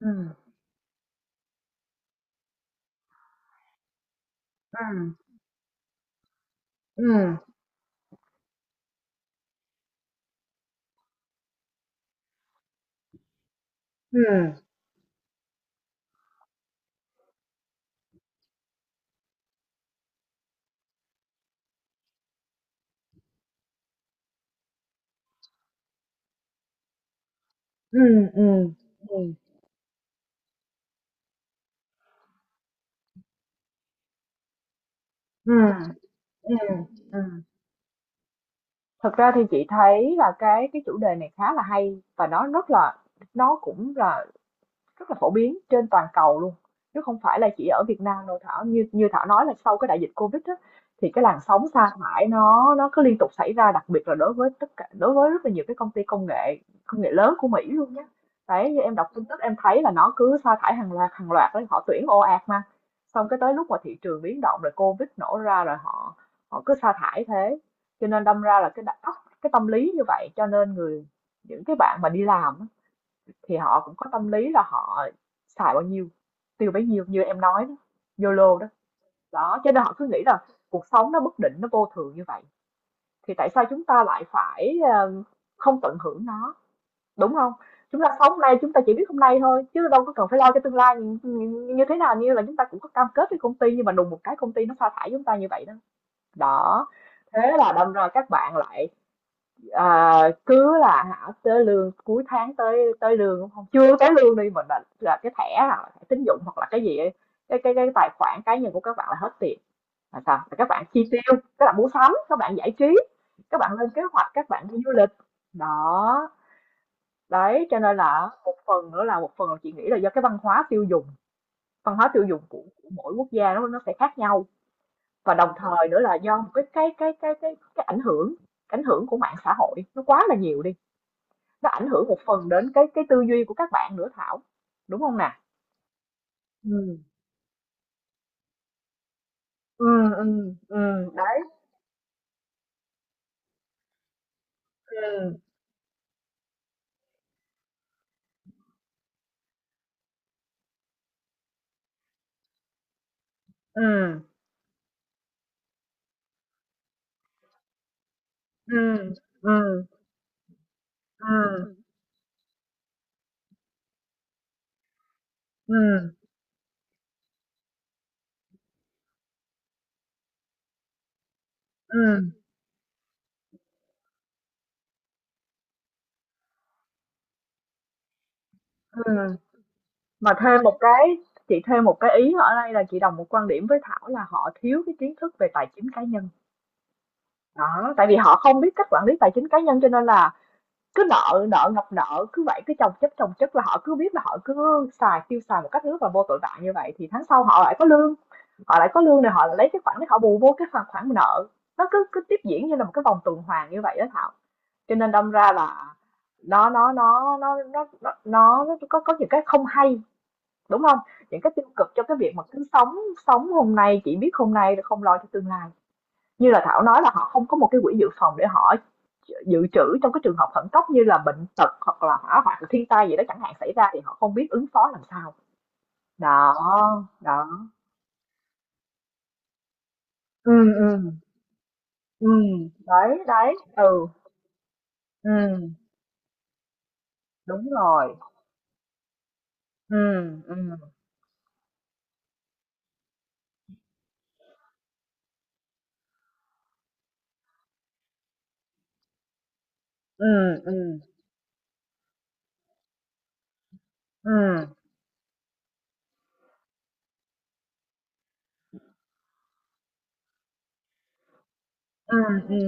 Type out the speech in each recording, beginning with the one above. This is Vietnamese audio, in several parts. Ừm, ừm, ừm, ừm, ừm, ừm, ừm, ừm, ừm, ừm. Thật ra thì chị thấy là cái chủ đề này khá là hay và nó cũng là rất là phổ biến trên toàn cầu luôn, chứ không phải là chỉ ở Việt Nam đâu Thảo. Như như Thảo nói là sau cái đại dịch Covid á, thì cái làn sóng sa thải nó cứ liên tục xảy ra, đặc biệt là đối với rất là nhiều cái công ty công nghệ lớn của Mỹ luôn nhé. Đấy, như em đọc tin tức em thấy là nó cứ sa thải hàng loạt đấy, họ tuyển ồ ạt mà. Xong cái tới lúc mà thị trường biến động rồi Covid nổ ra rồi họ họ cứ sa thải thế. Cho nên đâm ra là cái tâm lý như vậy, cho nên những cái bạn mà đi làm á, thì họ cũng có tâm lý là họ xài bao nhiêu tiêu bấy nhiêu như em nói đó, YOLO đó. Đó cho nên họ cứ nghĩ là cuộc sống nó bất định, nó vô thường như vậy, thì tại sao chúng ta lại phải không tận hưởng nó, đúng không? Chúng ta sống hôm nay, chúng ta chỉ biết hôm nay thôi, chứ đâu có cần phải lo cái tương lai như thế nào. Như là chúng ta cũng có cam kết với công ty, nhưng mà đùng một cái công ty nó sa thải chúng ta như vậy đó, đó thế là đâm ra các bạn lại cứ là hả tới lương cuối tháng, tới tới lương, đúng không, chưa tới lương đi mình là cái thẻ, là thẻ tín dụng hoặc là cái gì ấy, cái tài khoản cá nhân của các bạn là hết tiền, là sao là các bạn chi tiêu, các bạn mua sắm, các bạn giải trí, các bạn lên kế hoạch, các bạn đi du lịch đó. Đấy cho nên là một phần nữa, là một phần là chị nghĩ là do cái văn hóa tiêu dùng, của mỗi quốc gia nó sẽ khác nhau, và đồng thời nữa là do một cái ảnh hưởng, của mạng xã hội nó quá là nhiều đi, nó ảnh hưởng một phần đến cái tư duy của các bạn nữa Thảo, đúng không nè? Ừm, đấy, ừm, ừm, ừm, ừm, ừm, ừm, ừm, ừm. Mà thêm một cái Chị thêm một cái ý ở đây là chị đồng một quan điểm với Thảo là họ thiếu cái kiến thức về tài chính cá nhân. Đó, tại vì họ không biết cách quản lý tài chính cá nhân cho nên là cứ nợ nợ ngập nợ, cứ vậy cứ chồng chất, chồng chất, là họ cứ biết là họ cứ xài, tiêu xài một cách rất là vô tội vạ như vậy, thì tháng sau họ lại có lương, họ lại có lương rồi họ lại lấy cái khoản để họ bù vô cái khoản khoản nợ. Nó cứ cứ tiếp diễn như là một cái vòng tuần hoàn như vậy đó Thảo. Cho nên đâm ra là nó nó nó nó nó có những cái không hay, đúng không? Những cái tiêu cực trong cái việc mà cứ sống sống hôm nay chỉ biết hôm nay, rồi không lo cho tương lai, như là Thảo nói là họ không có một cái quỹ dự phòng để họ dự trữ trong cái trường hợp khẩn cấp, như là bệnh tật hoặc là hỏa hoạn, thiên tai gì đó chẳng hạn xảy ra, thì họ không biết ứng phó làm sao. Đó, đó, ừ, ừ, ừ, đấy, đấy, ừ, ừ, đúng rồi, ừ, ừ, ừ, ừ, ừ, ừ, ừ.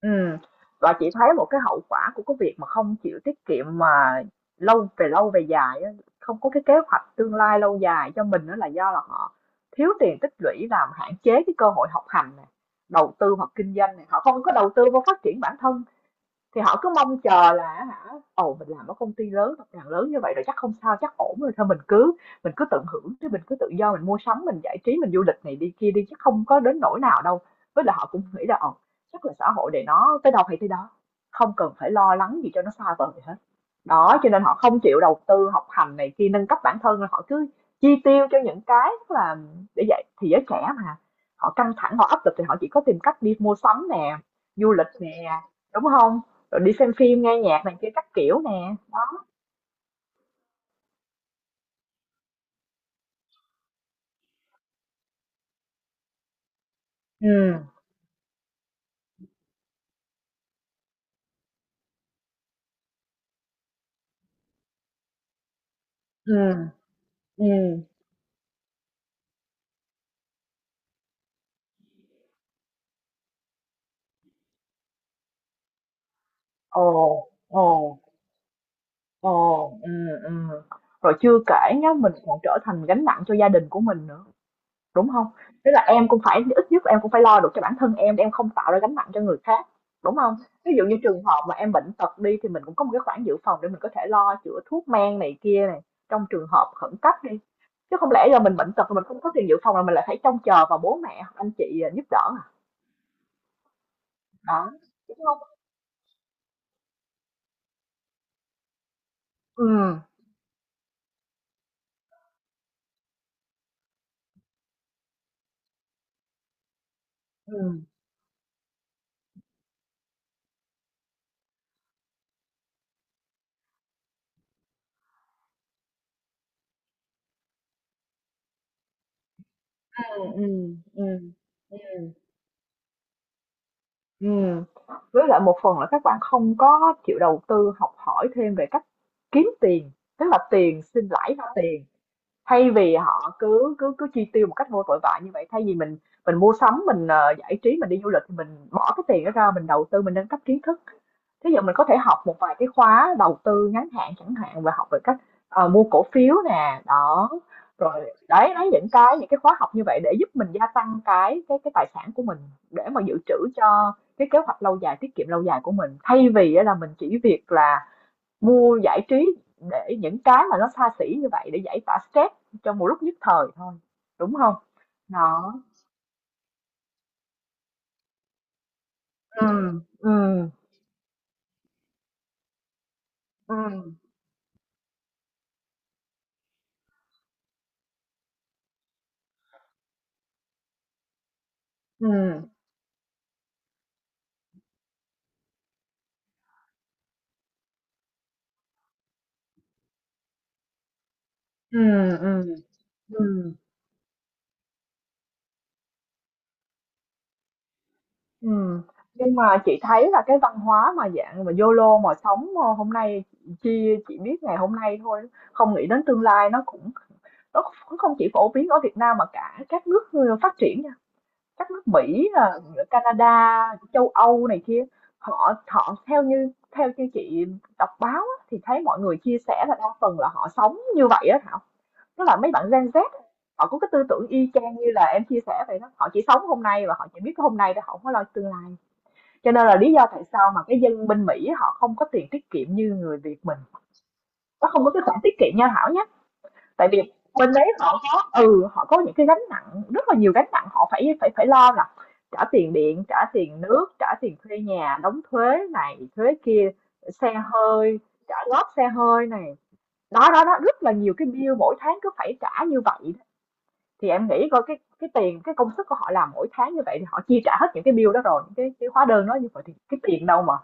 Ừm, và chị thấy một cái hậu quả của cái việc mà không chịu tiết kiệm mà về lâu về dài á, không có cái kế hoạch tương lai lâu dài cho mình, đó là do là họ thiếu tiền tích lũy, làm hạn chế cái cơ hội học hành này, đầu tư hoặc kinh doanh này, họ không có đầu tư vào phát triển bản thân, thì họ cứ mong chờ là hả, ồ mình làm ở công ty lớn, tập đoàn lớn như vậy rồi chắc không sao, chắc ổn rồi, thôi mình cứ tận hưởng chứ, mình cứ tự do, mình mua sắm, mình giải trí, mình du lịch này đi kia đi, chắc không có đến nỗi nào đâu. Với là họ cũng nghĩ là ồ, chắc là xã hội để nó tới đâu hay tới đó, không cần phải lo lắng gì cho nó xa vời hết. Đó, cho nên họ không chịu đầu tư học hành này kia, nâng cấp bản thân, họ cứ chi tiêu cho những cái là, để vậy thì giới trẻ mà họ căng thẳng, họ áp lực thì họ chỉ có tìm cách đi mua sắm nè, du lịch nè, đúng không, rồi đi xem phim, nghe nhạc này kia các kiểu nè, đó. Ừm, ừm, ừm. Ồ, ồ, ồ, ừm. Rồi chưa kể nhá, mình còn trở thành gánh nặng cho gia đình của mình nữa, đúng không? Tức là em cũng phải, ít nhất em cũng phải lo được cho bản thân em, để em không tạo ra gánh nặng cho người khác, đúng không? Ví dụ như trường hợp mà em bệnh tật đi, thì mình cũng có một cái khoản dự phòng để mình có thể lo chữa thuốc men này kia này, trong trường hợp khẩn cấp đi. Chứ không lẽ giờ mình bệnh tật mà mình không có tiền dự phòng là mình lại phải trông chờ vào bố mẹ hoặc anh chị giúp đỡ. Đó, đúng không, ừ, ừ, ừ, ừ, ừ, ừ, ừm. Với lại một phần là các bạn không có chịu đầu tư học hỏi thêm về cách kiếm tiền, tức là tiền sinh lãi ra tiền. Thay vì họ cứ cứ cứ chi tiêu một cách vô tội vạ như vậy, thay vì mình mua sắm, mình giải trí, mình đi du lịch, thì mình bỏ cái tiền đó ra mình đầu tư, mình nâng cấp kiến thức, thí dụ mình có thể học một vài cái khóa đầu tư ngắn hạn chẳng hạn, và học về cách mua cổ phiếu nè, đó rồi, đấy đấy, những cái khóa học như vậy để giúp mình gia tăng cái tài sản của mình, để mà dự trữ cho cái kế hoạch lâu dài, tiết kiệm lâu dài của mình, thay vì á là mình chỉ việc là mua giải trí, để những cái mà nó xa xỉ như vậy để giải tỏa stress trong một lúc nhất thời thôi, đúng không? Đó, ừm, ừm, ừm, ừm, ừm, ừm, ừm, ừm. Nhưng mà chị thấy là cái văn hóa mà dạng mà YOLO mà sống, hôm nay chị biết ngày hôm nay thôi, không nghĩ đến tương lai, nó cũng nó kh không chỉ phổ biến ở Việt Nam mà cả các nước phát triển, các nước Mỹ, à, Canada, châu Âu này kia, họ họ theo như chị đọc báo á, thì thấy mọi người chia sẻ là đa phần là họ sống như vậy á Thảo. Tức là mấy bạn Gen Z họ có cái tư tưởng y chang như là em chia sẻ vậy đó. Họ chỉ sống hôm nay và họ chỉ biết cái hôm nay thôi, họ không có lo tương lai. Cho nên là lý do tại sao mà cái dân bên Mỹ họ không có tiền tiết kiệm như người Việt mình. Nó không có cái khoản tiết kiệm nha Thảo nhé, tại vì bên đấy họ có, ừ họ có những cái gánh nặng, rất là nhiều gánh nặng họ phải phải phải lo, là trả tiền điện, trả tiền nước, trả tiền thuê nhà, đóng thuế này thuế kia, xe hơi, trả góp xe hơi này, đó đó đó, rất là nhiều cái bill mỗi tháng cứ phải trả như vậy đó. Thì em nghĩ coi cái tiền, cái công sức của họ làm mỗi tháng như vậy, thì họ chia trả hết những cái bill đó rồi, những cái hóa đơn đó, như vậy thì cái tiền đâu mà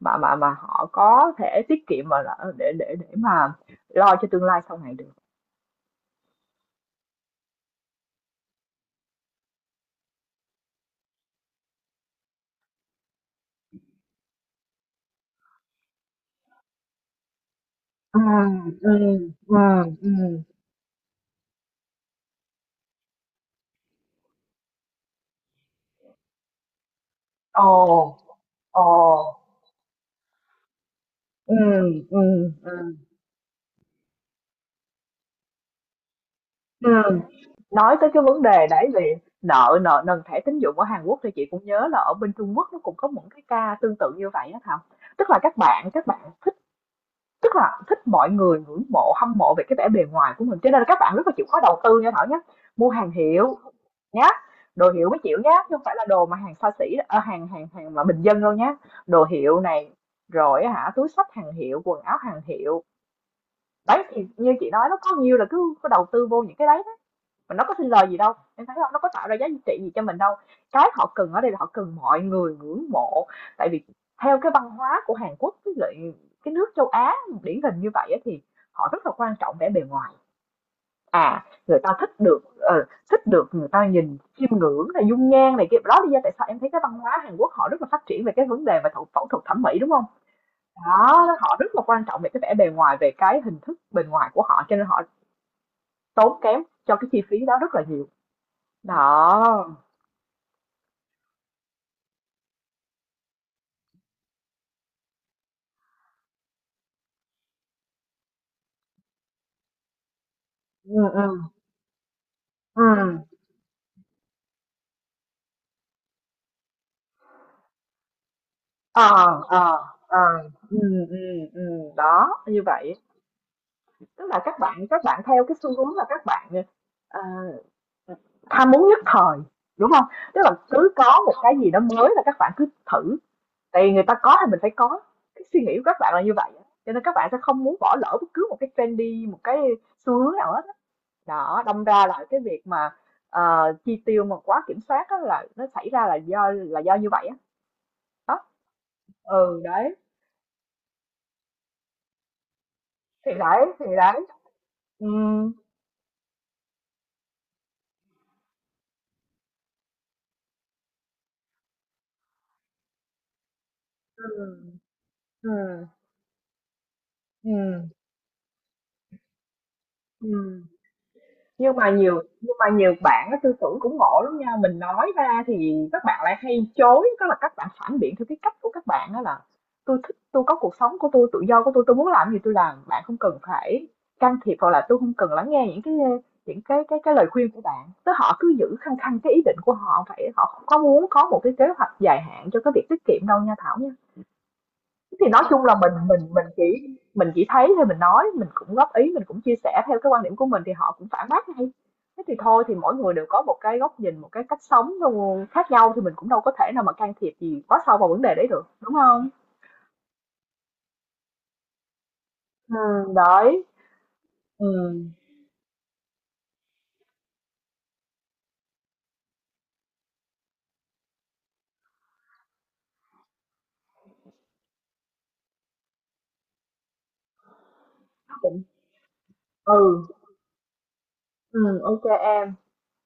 họ có thể tiết kiệm, mà để mà lo cho tương lai sau này được. Ừm, ừm, ừm, ừm. Ồ, ồ. Ừm, Ừm. Ừm. Nói tới cái vấn đề đấy về nợ nợ nần thẻ tín dụng ở Hàn Quốc thì chị cũng nhớ là ở bên Trung Quốc nó cũng có những cái ca tương tự như vậy á Thảo. Tức là các bạn Tức là thích mọi người ngưỡng mộ, hâm mộ về cái vẻ bề ngoài của mình, cho nên là các bạn rất là chịu khó đầu tư nha Thảo nhé, mua hàng hiệu nhé, đồ hiệu mới chịu nhé, chứ hông phải là đồ mà hàng xa xỉ, hàng hàng hàng mà bình dân đâu nhé. Đồ hiệu này, rồi hả túi xách hàng hiệu, quần áo hàng hiệu. Đấy, thì như chị nói nó có nhiều là cứ có đầu tư vô những cái đấy mà nó có xin lời gì đâu, em thấy hông? Nó có tạo ra giá trị gì cho mình đâu. Cái họ cần ở đây là họ cần mọi người ngưỡng mộ, tại vì theo cái văn hóa của Hàn Quốc với lại cái nước châu Á điển hình như vậy á, thì họ rất là quan trọng vẻ bề ngoài. À, người ta thích được thích được người ta nhìn, chiêm ngưỡng này, dung nhan này kia. Đó lý do tại sao em thấy cái văn hóa Hàn Quốc họ rất là phát triển về cái vấn đề về phẫu thuật thẩm mỹ, đúng không? Đó, họ rất là quan trọng về cái vẻ bề ngoài, về cái hình thức bề ngoài của họ, cho nên họ tốn kém cho cái chi phí đó rất là nhiều. Đó. Ừ, ừ, ừ. Ờ, ờ, ờ. Ừ, ừ, ừ, đó, như vậy. Tức là các bạn theo cái xu hướng là các bạn, ờ, ham muốn nhất thời, đúng không? Tức là cứ có một cái gì đó mới là các bạn cứ thử, tại vì người ta có thì mình phải có, cái suy nghĩ của các bạn là như vậy á, cho nên các bạn sẽ không muốn bỏ lỡ bất cứ một cái trendy, một cái xu hướng nào hết á. Đó, đâm ra là cái việc mà, chi tiêu mà quá kiểm soát á là nó xảy ra là do như vậy á. Đó, ừ, đấy. Thì đấy. Ừm. Ừm, ừm, ừm, ừm. Nhưng mà nhiều bạn á tư tưởng cũng ngộ lắm nha, mình nói ra thì các bạn lại hay chối, tức là các bạn phản biện theo cái cách của các bạn đó là tôi thích tôi có cuộc sống của tôi tự do của tôi muốn làm gì tôi làm, bạn không cần phải can thiệp hoặc là tôi không cần lắng nghe những cái lời khuyên của bạn." Tức họ cứ giữ khăng khăng cái ý định của họ vậy, họ không có muốn có một cái kế hoạch dài hạn cho cái việc tiết kiệm đâu nha Thảo nha. Thì nói chung là mình chỉ mình chỉ thấy thôi mình nói, mình cũng góp ý, mình cũng chia sẻ theo cái quan điểm của mình thì họ cũng phản bác ngay. Thế thì thôi thì mỗi người đều có một cái góc nhìn, một cái cách sống luôn khác nhau thì mình cũng đâu có thể nào mà can thiệp gì quá sâu vào vấn đề đấy được, đúng không? Ừ, đấy, ừ, ừ, ừ, ok em.